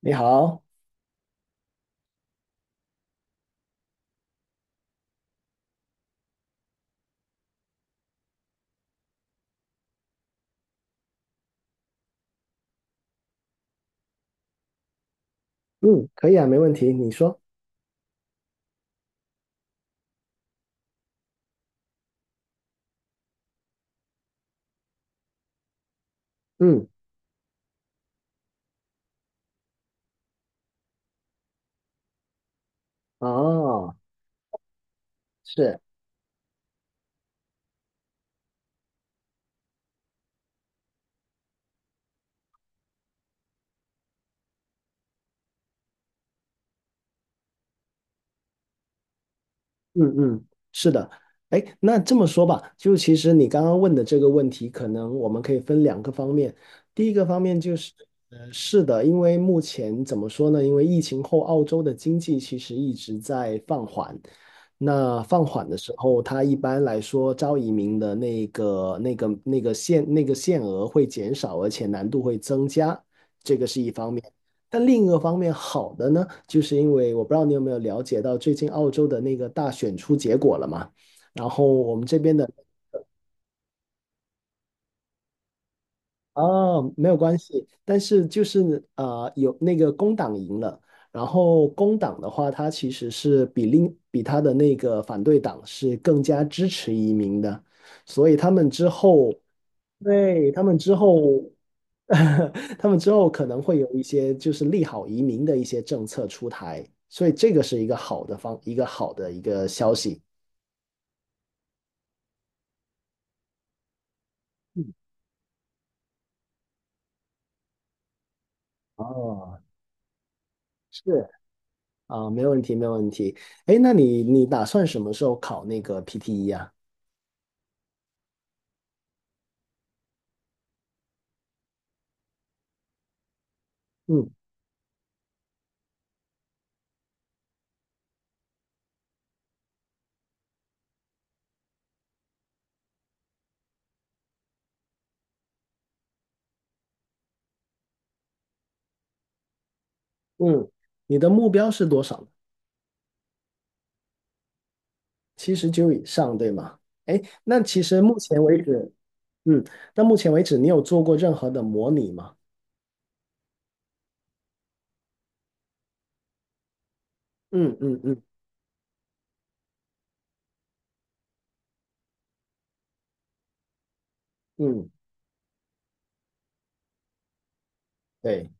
你好。嗯，可以啊，没问题。你说。嗯。哦。是。嗯嗯。是的。哎，那这么说吧，就其实你刚刚问的这个问题，可能我们可以分两个方面。第一个方面就是，是的，因为目前怎么说呢？因为疫情后，澳洲的经济其实一直在放缓。那放缓的时候，它一般来说招移民的那个、那个、那个限、那个限额会减少，而且难度会增加。这个是一方面。但另一个方面好的呢，就是因为我不知道你有没有了解到最近澳洲的那个大选出结果了嘛，然后我们这边的啊没有关系，但是就是有那个工党赢了，然后工党的话，它其实是比它的那个反对党是更加支持移民的，所以他们之后对，他们之后，他们之后可能会有一些就是利好移民的一些政策出台，所以这个是一个好的方，一个好的一个消息。嗯。哦，是啊，没问题，没问题。哎，那你打算什么时候考那个 PTE 啊？嗯嗯。你的目标是多少呢？七十九以上，对吗？哎，那其实目前为止，嗯，那目前为止你有做过任何的模拟吗？嗯嗯嗯嗯。对。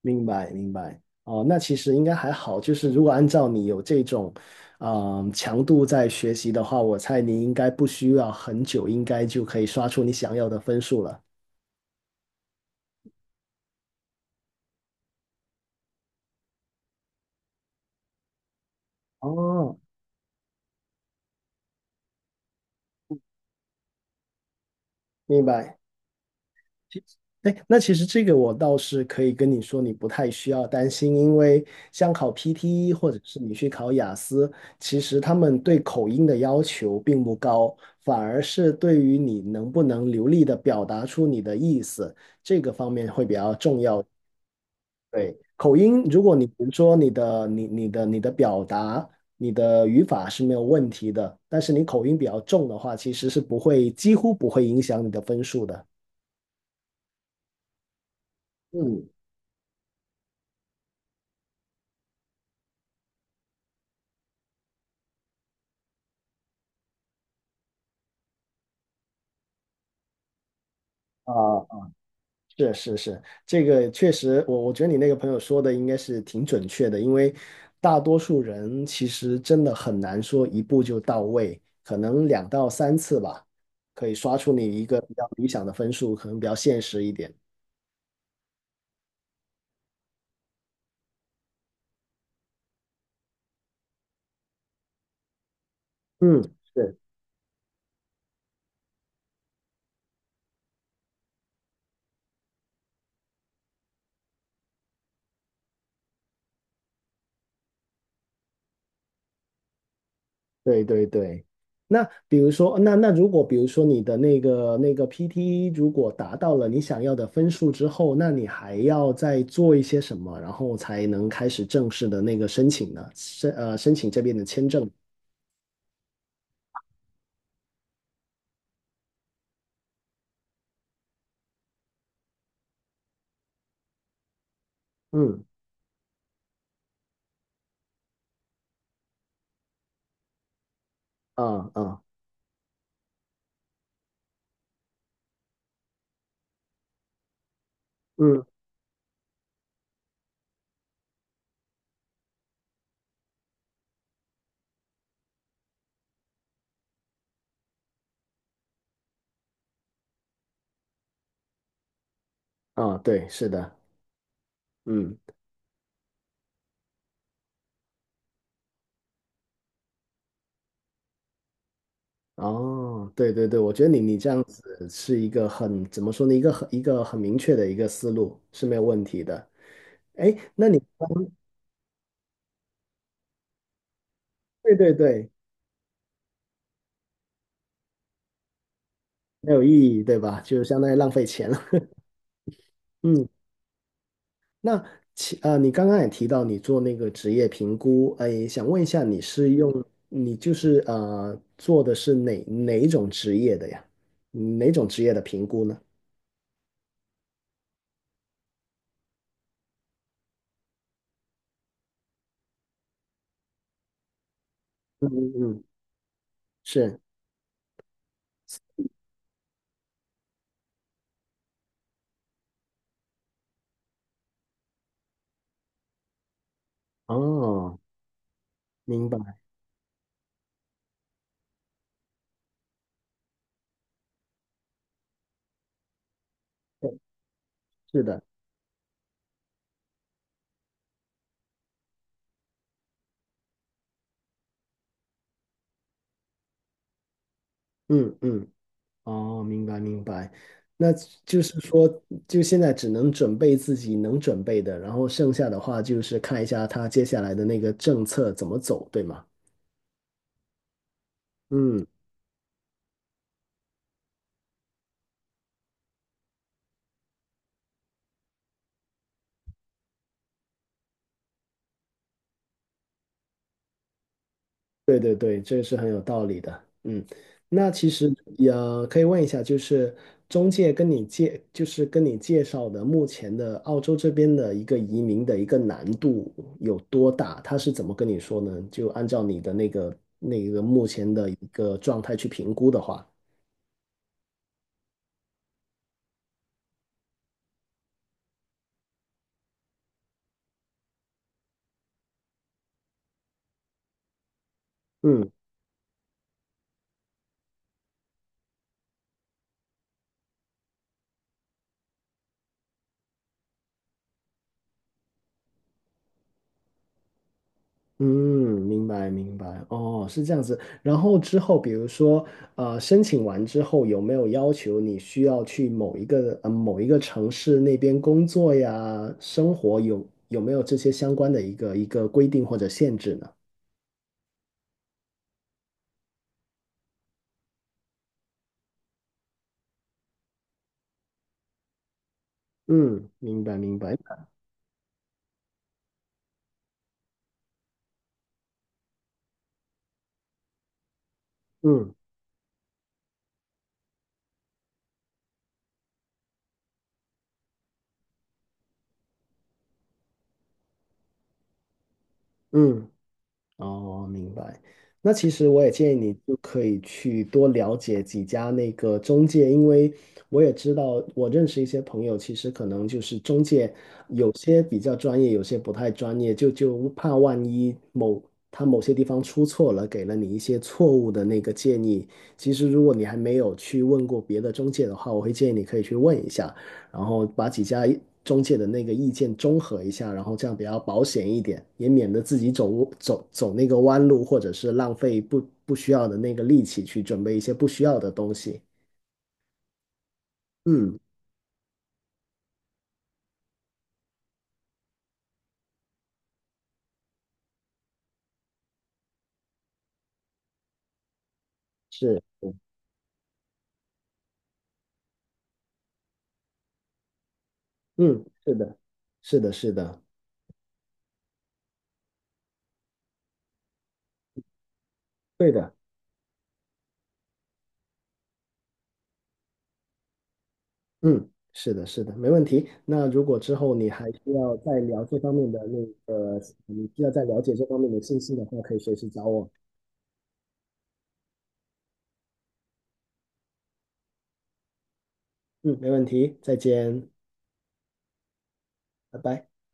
明白，明白。哦，那其实应该还好。就是如果按照你有这种，嗯，强度在学习的话，我猜你应该不需要很久，应该就可以刷出你想要的分数了。哦，明白。哎，那其实这个我倒是可以跟你说，你不太需要担心，因为像考 PTE 或者是你去考雅思，其实他们对口音的要求并不高，反而是对于你能不能流利的表达出你的意思，这个方面会比较重要。对，口音，如果你比如说你的表达、你的语法是没有问题的，但是你口音比较重的话，其实是不会，几乎不会影响你的分数的。嗯。啊，是是是，这个确实，我觉得你那个朋友说的应该是挺准确的，因为大多数人其实真的很难说一步就到位，可能两到三次吧，可以刷出你一个比较理想的分数，可能比较现实一点。嗯。是。对对对，那比如说，那如果比如说你的那个 PT 如果达到了你想要的分数之后，那你还要再做一些什么，然后才能开始正式的那个申请呢？申请这边的签证。嗯啊啊嗯啊，对，是的。嗯。哦，对对对，我觉得你你这样子是一个很怎么说呢，一个很明确的一个思路是没有问题的。哎，那你对对对，没有意义，对吧？就相当于浪费钱了。嗯。那你刚刚也提到你做那个职业评估，哎，想问一下，你是用你就是做的是哪一种职业的呀？哪种职业的评估呢？嗯嗯嗯。是。哦，明白。对，是的。嗯嗯。哦，明白明白。那就是说，就现在只能准备自己能准备的，然后剩下的话就是看一下他接下来的那个政策怎么走，对吗？嗯。对对对，这是很有道理的。嗯，那其实也可以问一下，就是中介跟你介，就是跟你介绍的目前的澳洲这边的一个移民的一个难度有多大？他是怎么跟你说呢？就按照你的那个目前的一个状态去评估的话，嗯嗯，明白明白。哦，是这样子。然后之后，比如说，申请完之后，有没有要求你需要去某一个城市那边工作呀、生活有没有这些相关的一个规定或者限制呢？嗯，明白明白。嗯嗯。哦，明白。那其实我也建议你就可以去多了解几家那个中介，因为我也知道，我认识一些朋友，其实可能就是中介有些比较专业，有些不太专业，就怕万一某他某些地方出错了，给了你一些错误的那个建议。其实如果你还没有去问过别的中介的话，我会建议你可以去问一下。然后把几家中介的那个意见综合一下，然后这样比较保险一点，也免得自己走那个弯路，或者是浪费不需要的那个力气去准备一些不需要的东西。嗯。是。嗯，是的，是的，是的。对的。嗯，是的，是的，没问题。那如果之后你还需要再聊这方面的那个，你需要再了解这方面的信息的话，可以随时找我。嗯，没问题，再见，拜拜。